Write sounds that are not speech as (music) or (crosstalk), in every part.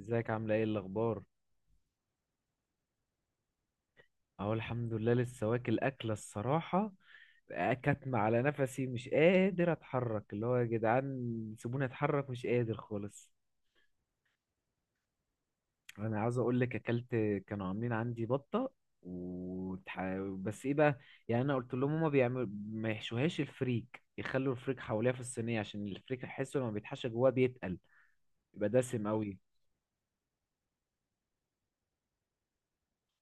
ازيك عاملة ايه الأخبار؟ أهو الحمد لله لسه واكل أكلة الصراحة. كاتمة على نفسي، مش قادر أتحرك، اللي هو يا جدعان سيبوني أتحرك، مش قادر خالص. أنا عاوز أقول لك أكلت، كانوا عاملين عندي بطة وتح... بس ايه بقى، يعني أنا قلت لهم هما بيعملوا ما يحشوهاش الفريك، يخلوا الفريك حواليها في الصينية، عشان الفريك أحسه لما بيتحشى جواه بيتقل، يبقى دسم أوي.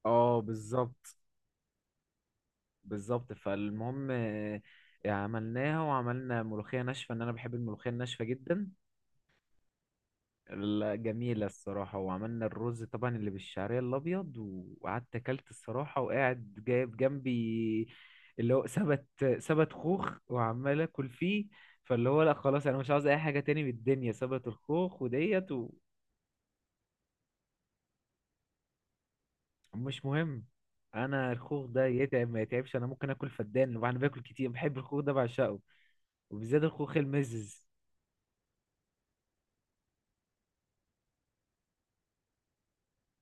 اه بالظبط. بالظبط فالمهم عملناها وعملنا ملوخية ناشفة، ان انا بحب الملوخية الناشفة جدا. لا، جميلة الصراحة، وعملنا الرز طبعا اللي بالشعرية الابيض. وقعدت اكلت الصراحة، وقاعد جايب جنبي اللي هو سبت خوخ وعمال اكل فيه. فاللي هو لا خلاص، انا مش عاوز اي حاجة تاني من الدنيا، سبت الخوخ وديت. ومش مهم، انا الخوخ ده يتعب ما يتعبش، انا ممكن اكل فدان، وانا باكل كتير بحب الخوخ ده بعشقه. وبالذات الخوخ المزز.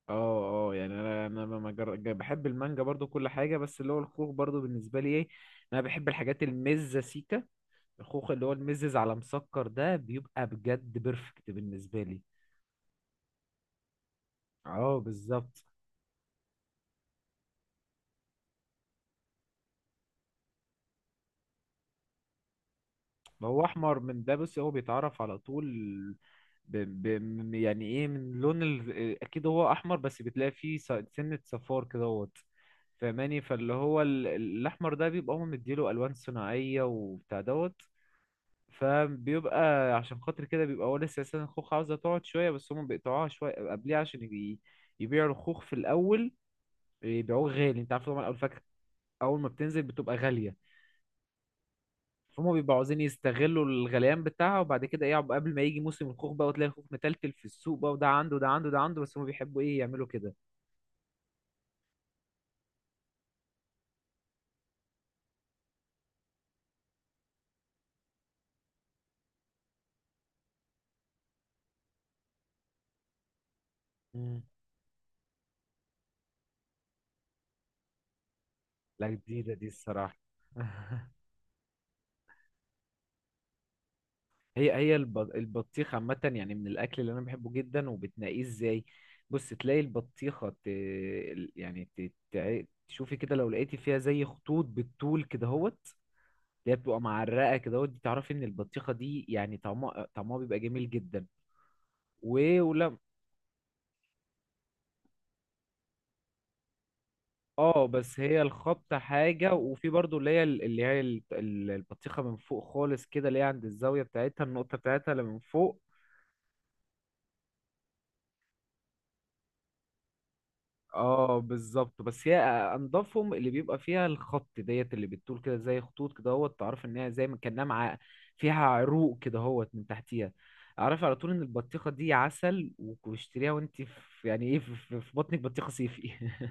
اه اه يعني انا ما- ما جر- ج- بحب المانجا برضو كل حاجه، بس اللي هو الخوخ برضو بالنسبه لي ايه، انا بحب الحاجات المزه سيكا. الخوخ اللي هو المزز على مسكر ده بيبقى بجد بيرفكت بالنسبه لي. اه بالظبط. هو احمر من ده، بس هو بيتعرف على طول. ب... يعني ايه من لون اكيد هو احمر، بس بتلاقي فيه سنه صفار كدهوت، فاهماني. فاللي هو الاحمر ده بيبقى هو مديله الوان صناعيه وبتاع دوت. فبيبقى عشان خاطر كده بيبقى هو لسه اساسا الخوخ عاوزه تقعد شويه، بس هم بيقطعوها شويه قبليها عشان يبيعوا الخوخ في الاول، يبيعوه غالي. انت عارف طبعا اول فاكهه اول ما بتنزل بتبقى غاليه. فهم بيبقوا عاوزين يستغلوا الغليان بتاعها، وبعد كده ايه قبل ما يجي موسم الخوخ بقى، وتلاقي الخوخ متلتل في السوق بقى، وده عنده وده عنده وده عنده، بس هم بيحبوا ايه يعملوا كده. مم. لا جديده دي الصراحه. (laughs) هي البطيخ عامة، يعني من الأكل اللي أنا بحبه جدا، وبتنقيه إزاي؟ بص تلاقي البطيخة ت... ال- يعني ت... تع- تشوفي كده لو لقيتي فيها زي خطوط بالطول كده هوت، اللي هي بتبقى معرقة كده هوت، دي تعرفي إن البطيخة دي يعني طعمها طعمها بيبقى جميل جدا. و... ولا اه بس هي الخبطة حاجة، وفي برضو اللي هي البطيخة من فوق خالص كده، اللي هي عند الزاوية بتاعتها، النقطة بتاعتها اللي من فوق. اه بالظبط. بس هي انضفهم اللي بيبقى فيها الخط ديت اللي بتطول كده زي خطوط كده اهوت، تعرف ان هي زي ما كانها مع فيها عروق كده اهوت من تحتيها، اعرف على طول ان البطيخه دي عسل. واشتريها وانت في يعني ايه في بطنك بطيخه صيفي. (laughs)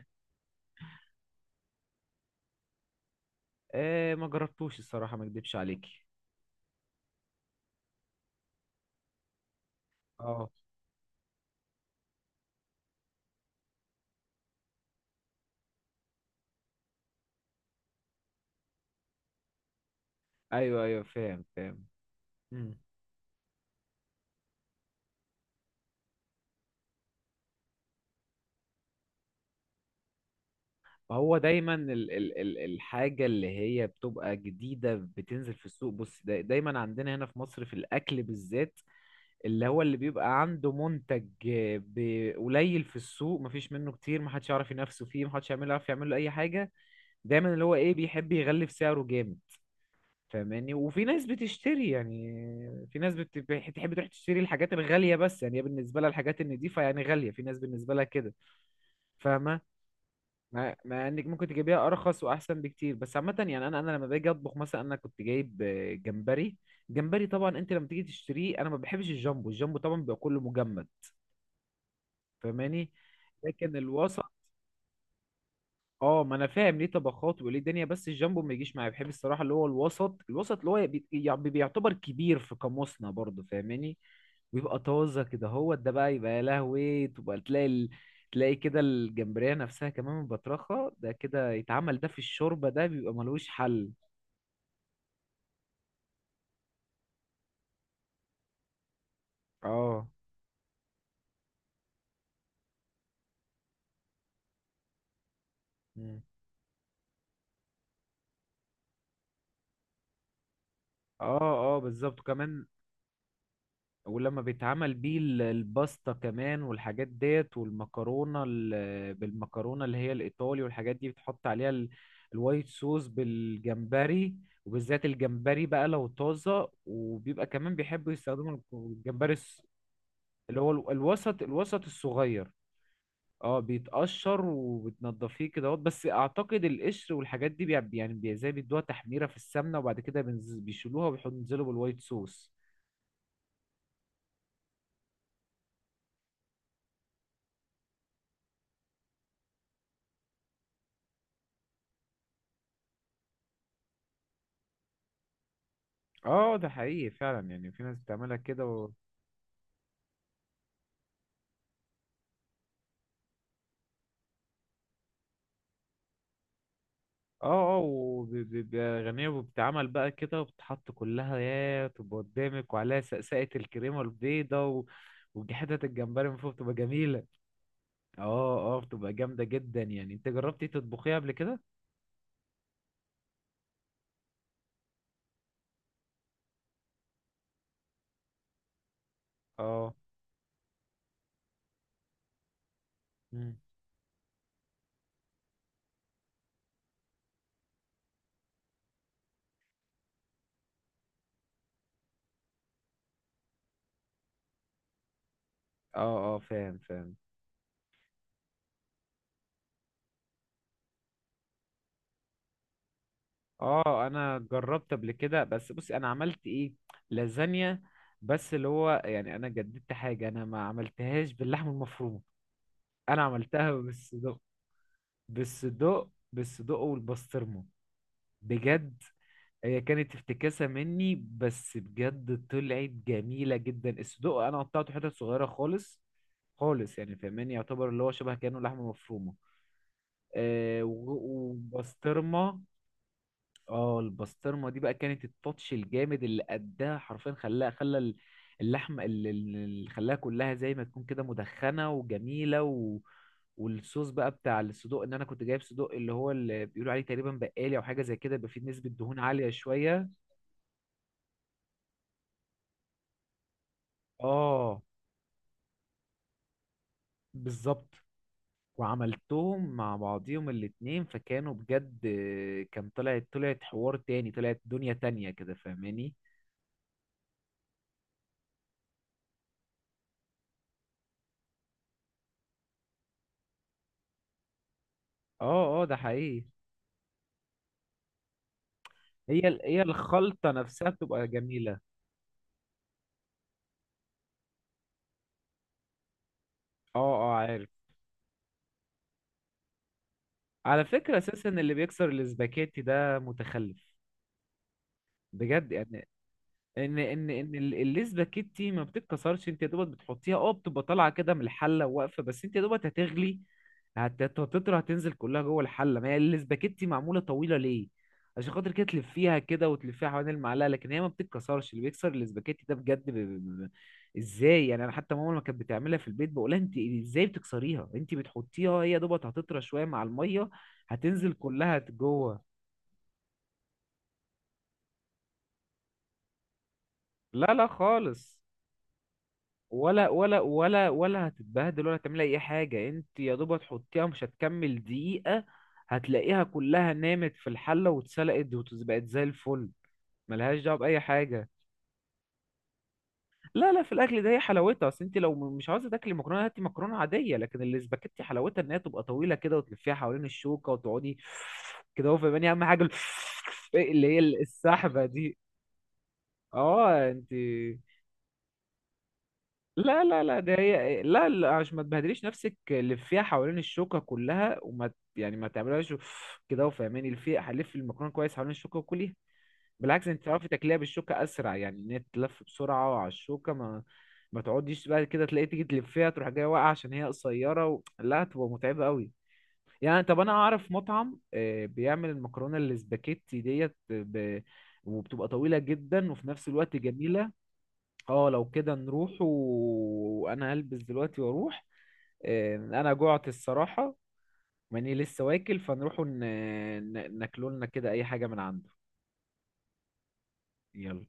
آه ما جربتوش الصراحه، ما اكدبش عليكي. اه ايوه ايوه فاهم فاهم. مم. ما هو دايما ال الحاجه اللي هي بتبقى جديده بتنزل في السوق، بص دا دايما عندنا هنا في مصر في الاكل بالذات، اللي هو اللي بيبقى عنده منتج قليل في السوق، مفيش منه كتير، محدش يعرف ينافسه فيه، محدش يعمل يعرف يعمل له اي حاجه، دايما اللي هو ايه بيحب يغلف سعره جامد، فاهماني. وفي ناس بتشتري يعني، في ناس بتحب تروح تشتري الحاجات الغاليه، بس يعني هي بالنسبه لها الحاجات النضيفه يعني غاليه، في ناس بالنسبه لها كده، فاهمه. مع انك ممكن تجيبيها ارخص واحسن بكتير، بس عامه يعني انا لما باجي اطبخ مثلا انا كنت جايب جمبري. جمبري طبعا انت لما تيجي تشتريه، انا ما بحبش الجامبو، الجامبو طبعا بيبقى كله مجمد، فاهماني، لكن الوسط. اه ما انا فاهم ليه طبخات وليه دنيا، بس الجامبو ما يجيش معايا، بحب الصراحه اللي هو الوسط. الوسط اللي هو يعني بيعتبر كبير في قاموسنا برضه، فاهماني. ويبقى طازه كده، هو ده بقى يبقى يا لهوي. تبقى تلاقي تلاقي كده الجمبريه نفسها، كمان من بطرخه ده كده يتعمل ده في الشوربه، ده بيبقى ملوش حل. اه. مم. اه اه بالظبط كمان. ولما بيتعمل بيه الباستا كمان والحاجات ديت، والمكرونة بالمكرونة اللي هي الإيطالي، والحاجات دي بتحط عليها الوايت صوص بالجمبري. وبالذات الجمبري بقى لو طازة، وبيبقى كمان بيحبوا يستخدموا الجمبري اللي هو الوسط. الوسط الصغير اه بيتقشر، وبتنضفيه كده اهوت. بس اعتقد القشر والحاجات دي زي بيدوها تحميرة في السمنة، وبعد كده بيشيلوها بينزلوا بالوايت صوص. اه ده حقيقي فعلا، يعني في ناس بتعملها كده اه اه. وبيبقى غنية وبتتعمل بقى كده، وبتحط كلها يا تبقى قدامك وعليها سقسقة الكريمة البيضة ودي حتت الجمبري من فوق بتبقى جميلة. اه اه بتبقى جامدة جدا، يعني انت جربتي تطبخيها قبل كده؟ اه. مم. اه اه فاهم فاهم. اه انا جربت قبل كده، بس بصي انا عملت ايه، لازانيا، بس اللي هو يعني انا جددت حاجة، انا ما عملتهاش باللحمة المفرومة، انا عملتها بس بالصدق، بالصدق والبسطرمة. بجد هي كانت افتكاسة مني، بس بجد طلعت جميلة جدا. الصدق انا قطعته حتت صغيرة خالص، خالص يعني فاهماني، يعتبر اللي هو شبه كأنه لحمة مفرومة وبسطرمة. اه البسطرمه دي بقى كانت التاتش الجامد اللي اداها، حرفيا خلاها خلى اللحمه اللي خلاها كلها زي ما تكون كده مدخنه وجميله والصوص بقى بتاع الصدوق، ان انا كنت جايب صدوق اللي هو اللي بيقولوا عليه تقريبا بقالي او حاجه زي كده، يبقى فيه نسبه دهون عاليه شويه. اه بالظبط. وعملتهم مع بعضيهم الاتنين فكانوا بجد، كان طلعت طلعت حوار تاني، طلعت دنيا تانية كده فاهماني. اه اه ده حقيقي. هي هي الخلطة نفسها بتبقى جميلة. اه اه عارف. على فكرة اساسا اللي بيكسر الاسباجيتي ده متخلف، بجد يعني. ان الاسباجيتي ما بتتكسرش، انت يا دوبك بتحطيها اه بتبقى طالعة كده من الحلة واقفة، بس انت يا دوبك هتغلي، هتطرى هتنزل كلها جوه الحله. ما هي الاسباجيتي معموله طويله ليه؟ عشان خاطر كده تلفيها كده وتلفيها حوالين المعلقه، لكن هي ما بتتكسرش. اللي بيكسر الاسباجيتي ده بجد ازاي يعني! انا حتى ماما لما كانت بتعملها في البيت بقولها انت ازاي بتكسريها، انت بتحطيها هي دوبت هتطرى شويه مع الميه، هتنزل كلها جوه. لا لا خالص، ولا ولا ولا ولا هتتبهدل ولا هتعمل اي حاجه، انت يا دوب هتحطيها مش هتكمل دقيقه، هتلاقيها كلها نامت في الحله واتسلقت وبقت زي الفل، ملهاش دعوه باي حاجه. لا لا في الاكل ده هي حلاوتها، اصل انت لو مش عاوزه تاكلي مكرونه هاتي مكرونه عاديه، لكن الاسباجيتي حلاوتها ان هي تبقى طويله كده وتلفيها حوالين الشوكه وتقعدي كده، هو فاهماني اهم حاجه (laughs) اللي هي السحبه دي. اه انت. لا لا لا ده هي، لا لا عشان ما تبهدليش نفسك لفيها حوالين الشوكة كلها، يعني ما تعملهاش كده، وفهماني لفي هلف المكرونة كويس حوالين الشوكة وكليها، بالعكس انت تعرفي تاكليها بالشوكة اسرع، يعني ان هي تلف بسرعة على الشوكة، ما تقعديش بقى كده تلاقي تيجي تلفيها تروح جاية واقعة عشان هي قصيرة لا هتبقى متعبة قوي. يعني طب انا اعرف مطعم بيعمل المكرونة الاسباجيتي ديت وبتبقى طويلة جدا، وفي نفس الوقت جميلة. اه لو كده نروح وانا هلبس دلوقتي واروح. انا جوعت الصراحة، ماني لسه واكل فنروح ناكلولنا كده اي حاجة من عنده. يلا.